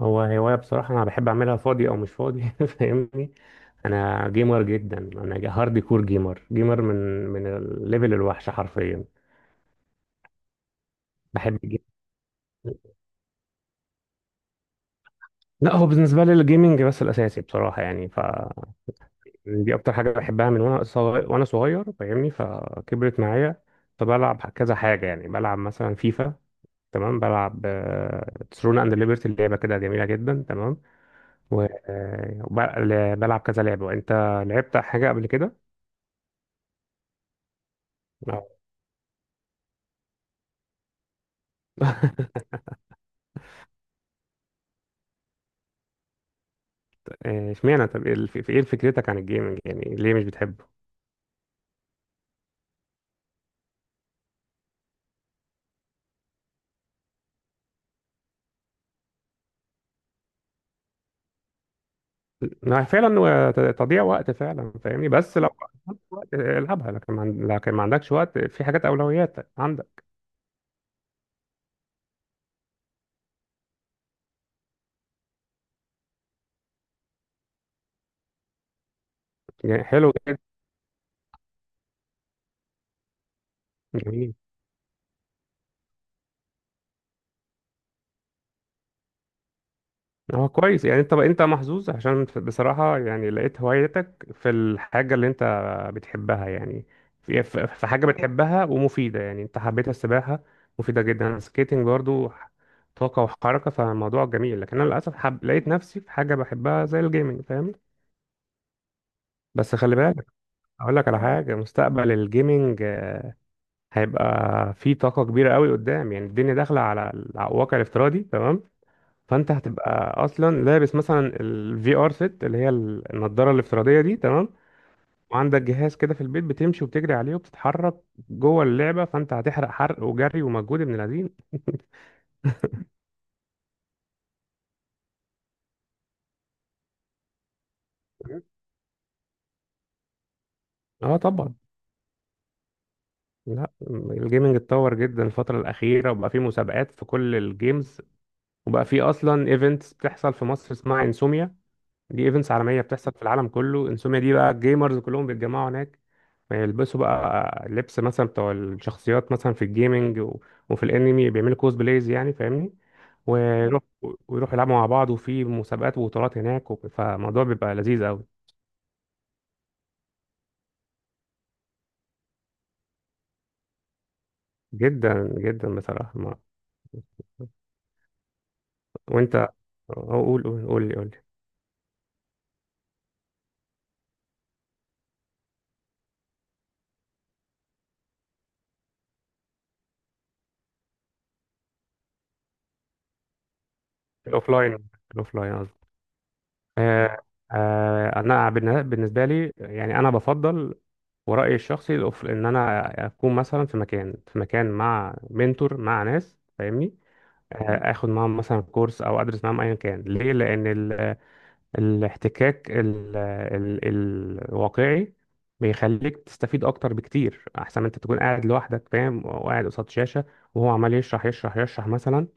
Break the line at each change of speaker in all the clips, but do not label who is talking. هو هواية بصراحة أنا بحب أعملها فاضي أو مش فاضي فاهمني. أنا جيمر جدا. أنا هارد كور جيمر، جيمر من الليفل الوحش حرفيا. بحب الجيم. لا، هو بالنسبة لي الجيمنج بس الأساسي بصراحة، يعني ف دي أكتر حاجة بحبها من وأنا صغير، وأنا صغير فاهمني، فكبرت معايا. فبلعب كذا حاجة، يعني بلعب مثلا فيفا، تمام. بلعب ترون أند ليبرتي، لعبة كده جميلة جدا، تمام. وبلعب كذا لعبة. وأنت لعبت حاجة قبل كده؟ اه. اشمعنى؟ طب ايه فكرتك عن الجيمنج، يعني ليه مش بتحبه؟ ما فعلا هو تضييع وقت فعلا، فاهمني. بس لو عندك وقت، العبها، لكن ما عن- لكن ما عندكش وقت، في حاجات اولويات عندك. يعني حلو جدا. جميل. هو كويس، يعني انت محظوظ، عشان بصراحة يعني لقيت هوايتك في الحاجة اللي انت بتحبها يعني. في حاجة بتحبها ومفيدة، يعني انت حبيت السباحة، مفيدة جدا، السكيتنج برضو طاقة وحركة، فالموضوع جميل. لكن انا للأسف لقيت نفسي في حاجة بحبها زي الجيمنج، فاهم. بس خلي بالك، اقول لك على حاجة. مستقبل الجيمنج هيبقى فيه طاقة كبيرة قوي قدام، يعني الدنيا داخلة على الواقع الافتراضي، تمام. فانت هتبقى اصلا لابس مثلا الفي ار سيت اللي هي النضاره الافتراضيه دي، تمام. وعندك جهاز كده في البيت بتمشي وبتجري عليه وبتتحرك جوه اللعبه، فانت هتحرق حرق وجري ومجهود ابن الذين اه طبعا. لا، الجيمنج اتطور جدا الفتره الاخيره، وبقى فيه مسابقات في كل الجيمز، وبقى فيه اصلا ايفنتس بتحصل في مصر اسمها انسوميا. دي ايفنتس عالميه بتحصل في العالم كله. انسوميا دي بقى الجيمرز كلهم بيتجمعوا هناك. بيلبسوا بقى لبس مثلا بتوع الشخصيات مثلا في الجيمنج وفي الانمي، بيعملوا كوز بلايز، يعني فاهمني. ويروح ويروحوا يلعبوا مع بعض، وفي مسابقات وبطولات هناك، فالموضوع بيبقى لذيذ قوي. جدا جدا بصراحه وانت، قول لي. الاوفلاين الاوفلاين. آه، انا بالنسبه لي يعني انا بفضل، ورأيي الشخصي ان انا اكون مثلا في مكان مع منتور مع ناس، فاهمني. اخد معاهم مثلا كورس او ادرس معاهم ايا كان. ليه؟ لان الاحتكاك الواقعي بيخليك تستفيد اكتر بكتير، احسن ما انت تكون قاعد لوحدك فاهم، وقاعد قصاد شاشة وهو عمال يشرح مثلا.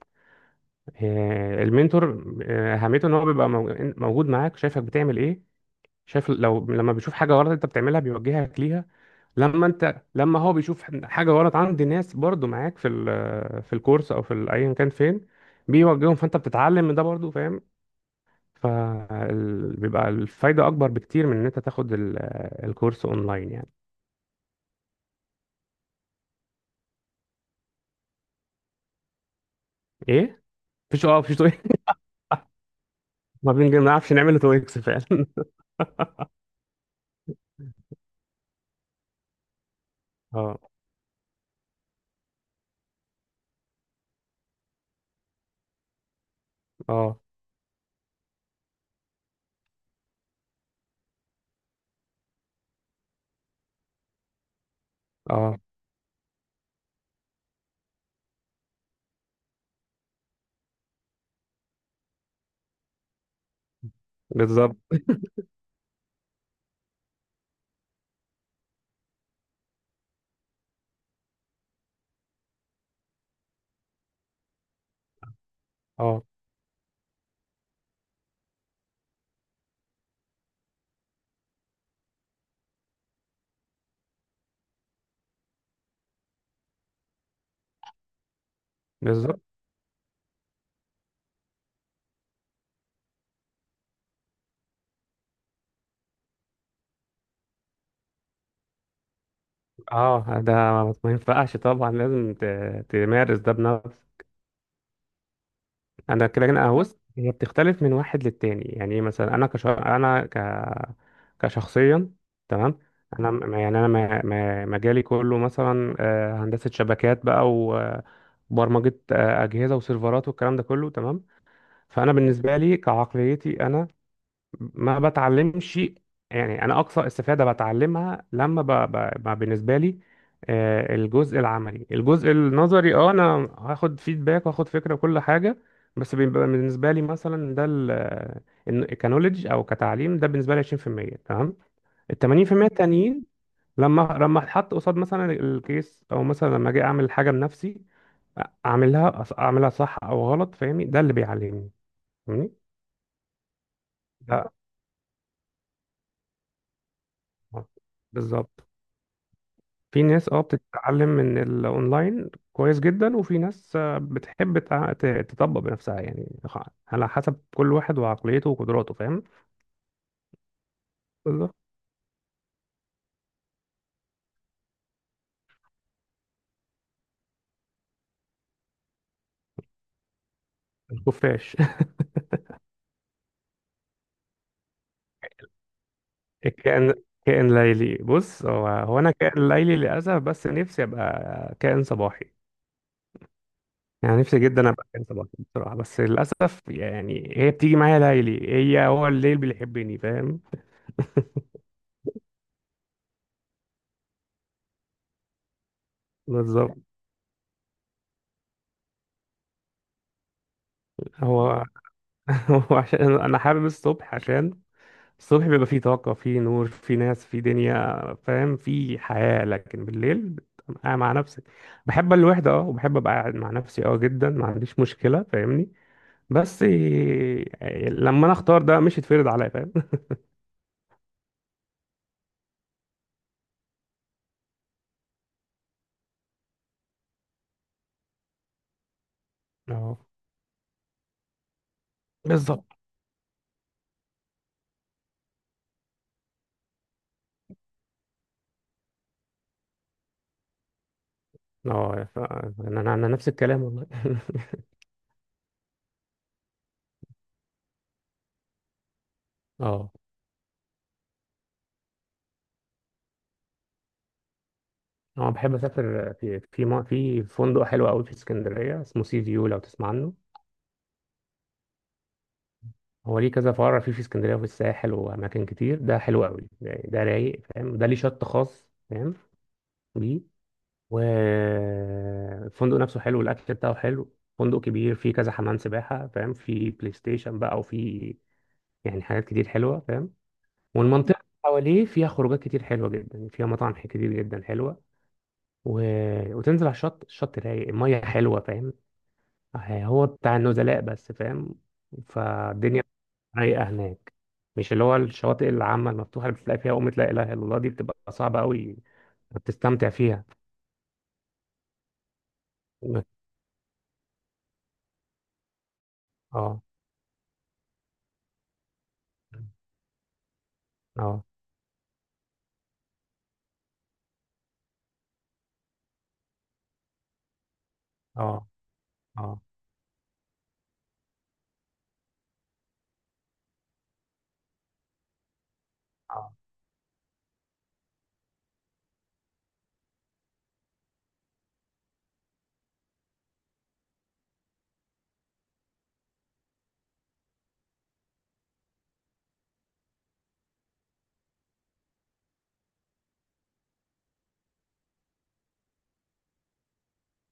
المنتور اهميته ان هو بيبقى موجود معاك، شايفك بتعمل ايه. شايف لو لما بيشوف حاجة غلط انت بتعملها بيوجهك ليها. لما هو بيشوف حاجة غلط عند ناس برضو معاك في الكورس او ايا كان فين، بيوجههم، فانت بتتعلم من ده برضو فاهم. فبيبقى الفايدة اكبر بكتير من ان انت تاخد الكورس اونلاين يعني. ايه؟ مفيش. اه مفيش تو إكس. ما بنعرفش نعمل تو اكس فعلا اه، اه، اه بالظبط، اه بالظبط، اه. ده ما ينفعش طبعا، لازم تمارس ده بنفسك. انا كده، انا بص، هي بتختلف من واحد للتاني، يعني إيه، مثلا انا كش انا ك كشخصيا، تمام. انا مجالي كله مثلا هندسه شبكات بقى، و- وبرمجه اجهزه وسيرفرات والكلام ده كله، تمام. فانا بالنسبه لي كعقليتي، انا ما بتعلمش، يعني انا اقصى استفاده بتعلمها لما ب... ب... ب... بالنسبه لي الجزء العملي. الجزء النظري، اه انا هاخد فيدباك واخد فكره وكل حاجه، بس بيبقى بالنسبه لي مثلا ده كنوليدج او كتعليم. ده بالنسبه لي 20%، تمام. ال 80% التانيين لما لما اتحط قصاد مثلا الكيس، او مثلا لما اجي اعمل حاجه بنفسي، اعملها صح او غلط فاهمني، ده اللي بيعلمني فاهمني. ده آه، بالظبط. في ناس اه بتتعلم من الاونلاين كويس جدا، وفي ناس بتحب تطبق بنفسها، يعني على حسب كل واحد وعقليته وقدراته، فاهم. بالظبط. الخفاش الكائن، كائن ليلي. بص، هو انا كائن ليلي للاسف، بس نفسي ابقى كائن صباحي. يعني نفسي جدا ابقى كائن صباحي بصراحة، بس للاسف يعني هي بتيجي معايا ليلي، هي هو الليل بيحبني، فاهم. بالظبط. هو هو عشان انا حابب الصبح، عشان الصبح بيبقى فيه طاقة، فيه نور، فيه ناس، فيه دنيا، فاهم، فيه حياة. لكن بالليل بتبقى قاعد مع نفسك. بحب الوحدة، اه، وبحب ابقى قاعد مع نفسي اه جدا، ما عنديش مشكلة فاهمني. بس لما انا اختار ده، مش يتفرض عليا فاهم. اه بالظبط. اه، ف- انا انا أنا نفس الكلام والله اه. انا بحب اسافر في فندق حلو قوي في اسكندرية اسمه سي فيو، لو تسمع عنه. هو ليه كذا فرع في اسكندريه وفي الساحل واماكن كتير. ده حلو قوي ده, يعني ده رايق فاهم، ده ليه شط خاص فاهم ليه. والفندق نفسه حلو، والاكل بتاعه حلو، فندق كبير، فيه كذا حمام سباحه فاهم، في بلاي ستيشن بقى وفي يعني حاجات كتير حلوه فاهم. والمنطقه اللي حواليه فيها خروجات كتير حلوه جدا، فيها مطاعم كتير جدا حلوه، و... وتنزل على الشط، الشط رايق، الميه حلوه فاهم، هو بتاع النزلاء بس فاهم، فالدنيا رايقه هناك. مش اللي هو الشواطئ العامه المفتوحه اللي بتلاقي فيها قمه لا اله الا الله، دي بتبقى صعبه قوي بتستمتع فيها. اه، اه، اه، اه، اه،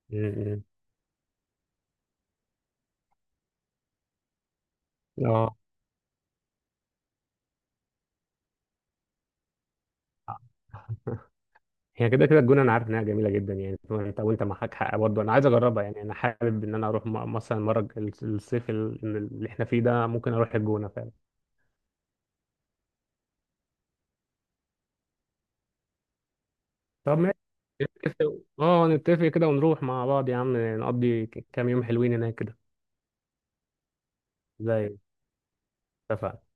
م- م. اه هي كده كده الجونه انا عارف انها جميله جدا، يعني انت وانت معاك حق برضه، انا عايز اجربها، يعني انا حابب ان انا اروح مثلا مره اللي احنا فيه ده، ممكن اروح الجونه فعلا. طب ماشي، اه نتفق كده ونروح مع بعض يا عم، نقضي كام يوم حلوين هناك كده. زي. اتفقنا.